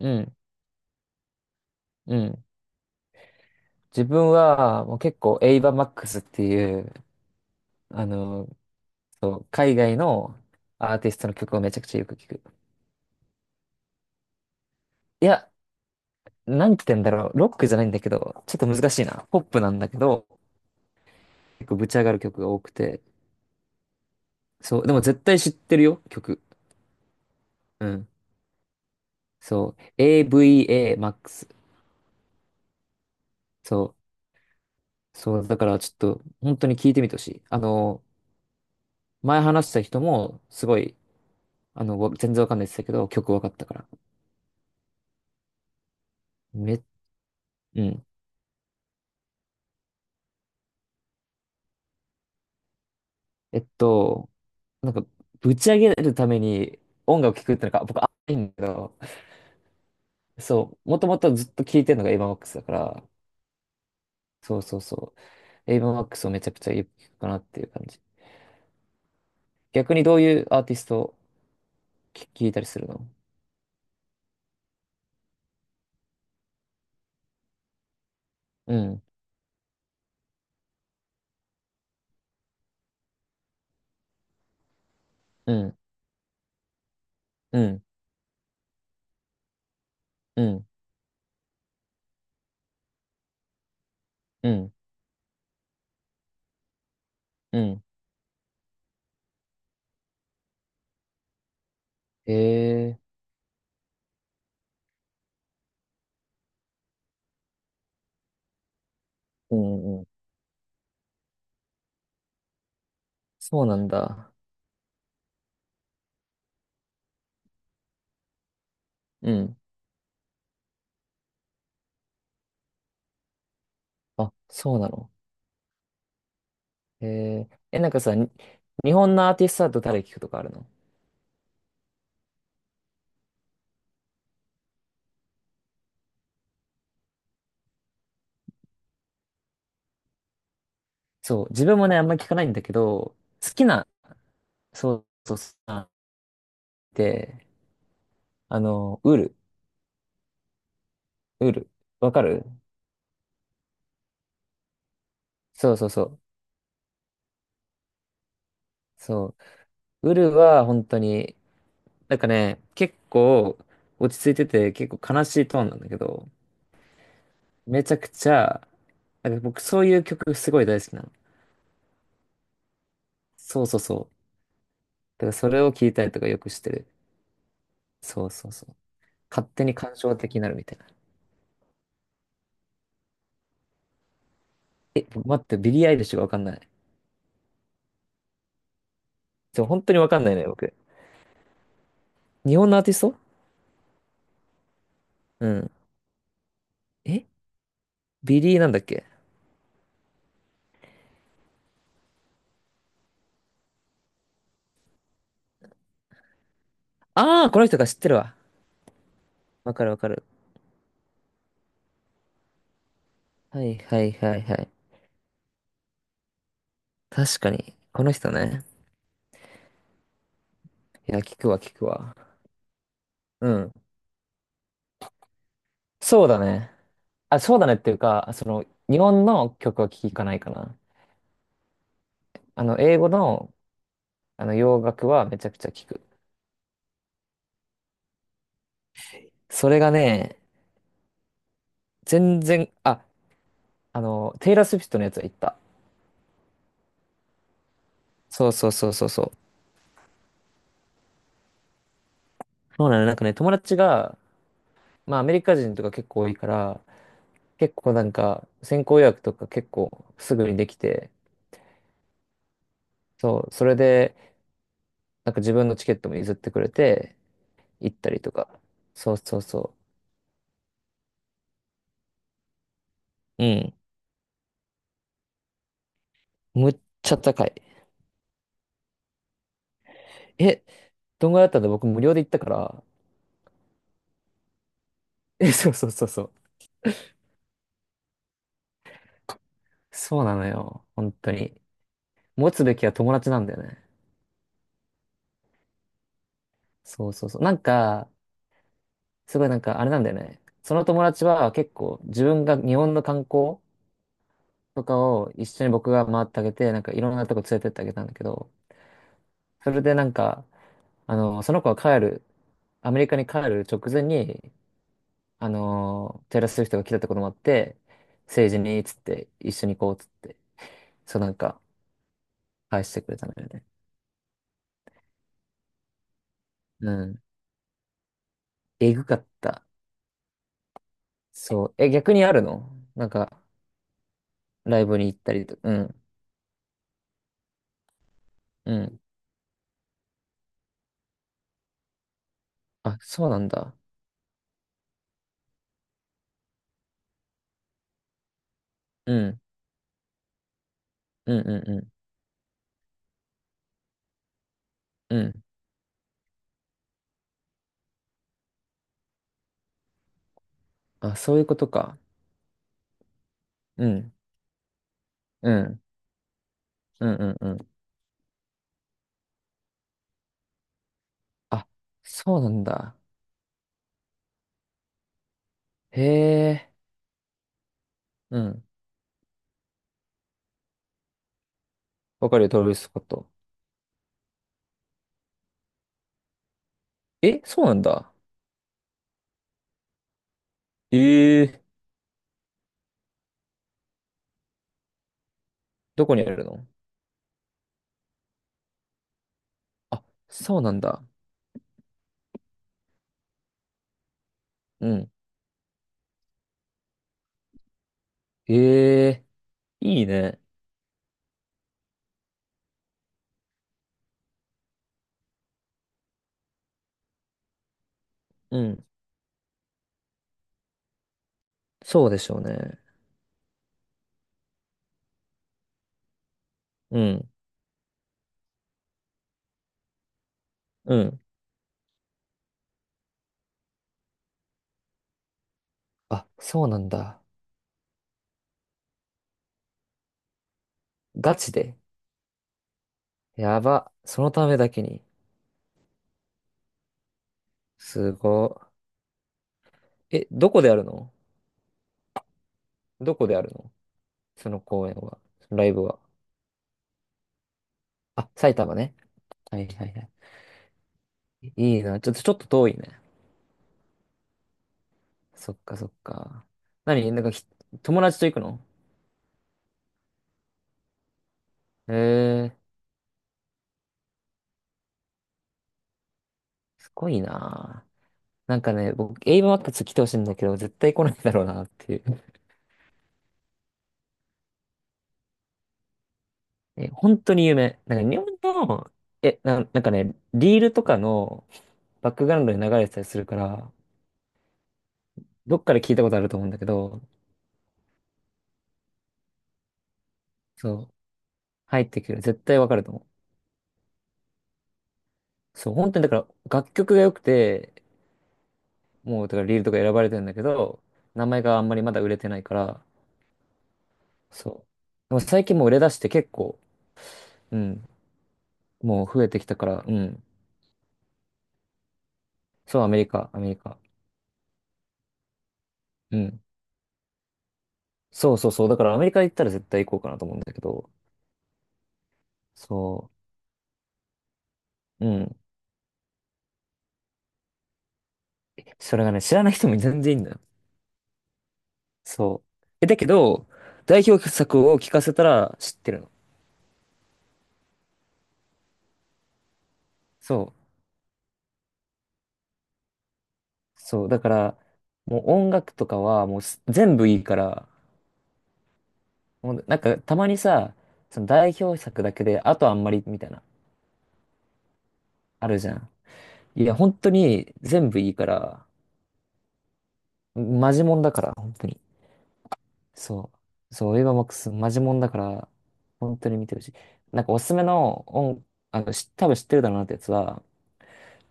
うん、うん。自分はもう結構エイバ・マックスっていう、あの、そう、海外のアーティストの曲をめちゃくちゃよく聞く。いや、なんて言うんだろう。ロックじゃないんだけど、ちょっと難しいな。ポップなんだけど、結構ぶち上がる曲が多くて。そう、でも絶対知ってるよ、曲。うん。そう、AVA マックス。そう、そう、だからちょっと本当に聞いてみてほしい。前話した人もすごい、全然わかんないって言ってたけど、曲わかったから。め、うん。えっと、なんか、ぶち上げるために音楽聴くってのが僕、あいいんだけど、そう、もともとずっと聴いてるのがエイヴァン・マックスだから、そうそうそう、エイヴァン・マックスをめちゃくちゃよく聴くかなっていう感じ。逆にどういうアーティストを聴いたりするの？うん、うん、うん、うん、うん、うん。へえ、うん、うん。そうなんだ。うん。あ、そうなの。へえ、え、なんかさ、日本のアーティストだと誰聴くとかあるの？そう、自分もね、あんまり聞かないんだけど、好きなそうそうそう。で、あの、ウル、ウル、わかる？そうそうそう。そう。ウルは本当に、なんかね、結構落ち着いてて、結構悲しいトーンなんだけど、めちゃくちゃ、なんか僕そういう曲すごい大好きなの。そうそうそう。だからそれを聞いたりとかよくしてる。そうそうそう。勝手に感傷的になるみたいな。え、待って、ビリー・アイリッシュがわかんない。そう、本当にわかんないね、僕。日本のアーティスト。うん。え、ビリーなんだっけ？ああー、この人が知ってるわ。わかるわかる。はいはいはいはい。確かに。この人ね。いや、聞くわ聞くわ。うん。そうだね。あ、そうだねっていうか、その、日本の曲は聞かないかな。英語の、洋楽はめちゃくちゃ聞く。それがね、全然、あ、テイラー・スウィフトのやつは行った。そうそうそうそうそう。そうなの、なんかね、友達が、まあ、アメリカ人とか結構多いから、結構なんか、先行予約とか結構すぐにできて、そう、それで、なんか自分のチケットも譲ってくれて、行ったりとか。そうそうそう。うん。むっちゃ高い。え、どんぐらいだったんだ？僕無料で行ったから。え、そうそうそうそう。そうなのよ。本当に。持つべきは友達なんだよね。そうそうそう。なんか、すごいなんかあれなんだよね。その友達は結構自分が日本の観光とかを一緒に僕が回ってあげて、なんかいろんなとこ連れてってあげたんだけど、それでなんか、その子が帰る、アメリカに帰る直前に、テイラー・スウィフトが来たってこともあって、政治に、つって、一緒に行こう、つって、そうなんか、返してくれたのよね。うん。えぐかった。そう。え、逆にあるの？なんか、ライブに行ったりと、うん、うん。あ、そうなんだ。うん、うん、うん、うん、うん。あ、そういうことか。うん、うん、うん、うん、うん。あ、そうなんだ。へえ、うん。わかるよ、トラビススコット。え、そうなんだ。ええ、どこにあるの？あ、そうなんだ。うん。ええ、いいね。うん。そうでしょうね。うん。うん。あ、そうなんだ。ガチで。やば。そのためだけに。すごい。え、どこでやるの？その公演は。ライブは。あ、埼玉ね。はいはいはい。いいな。ちょっと、ちょっと遠いね。そっかそっか。何なんかひ、友達と行くの？へえ、すごいな。なんかね、僕、英語マックス来てほしいんだけど、絶対来ないだろうなっていう。え、本当に有名。なんか日本の、なんかね、リールとかのバックグラウンドに流れてたりするから、どっかで聞いたことあると思うんだけど、そう、入ってくる。絶対わかると思う。そう、本当にだから楽曲が良くて、もうだからリールとか選ばれてるんだけど、名前があんまりまだ売れてないから、そう。でも最近もう売れ出して結構、うん、もう増えてきたから、うん。そう、アメリカ、アメリカ。うん。そうそうそう。だからアメリカ行ったら絶対行こうかなと思うんだけど、そう。うん。それがね、知らない人も全然いいんだよ。そう。え、だけど、代表作を聞かせたら知ってるの。そう。そう。だから、もう音楽とかはもう全部いいから、もうなんかたまにさ、その代表作だけで、あとあんまりみたいな、あるじゃん。いや、本当に全部いいから、マジモンだから、本当に。そう。そう、エヴァマックスマジモンだから、本当に見てほしい。なんかおすすめの音、多分知ってるだろうなってやつは、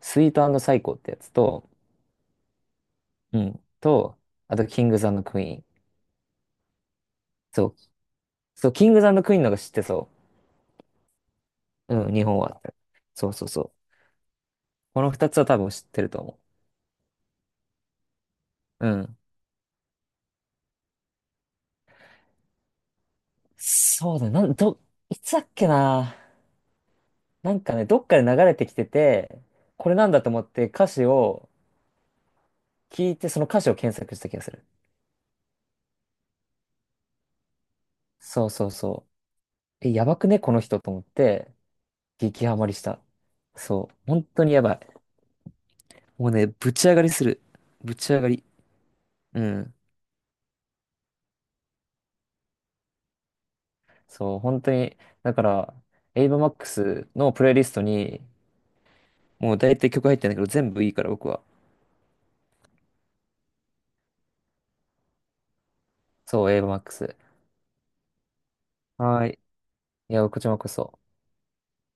スイートサイコーってやつと、うん。と、あと、キングザンドクイーン。そう。そう、キングザンドクイーンの方が知ってそう。うん、日本は。そうそうそう。この二つは多分知ってると思う。うん。そうだ、なん、ど、いつだっけな。なんかね、どっかで流れてきてて、これなんだと思って歌詞を聞いて、その歌詞を検索した気がする。そうそうそう。え、やばくね、この人と思って、激ハマりした。そう。本当にやばい。もうね、ぶち上がりする。ぶち上がり。うん。そう、本当に、だから、エイバマックスのプレイリストに、もう大体曲入ってんだけど、全部いいから僕は。そう、エイバマックス。はい。いや、こちらこそ。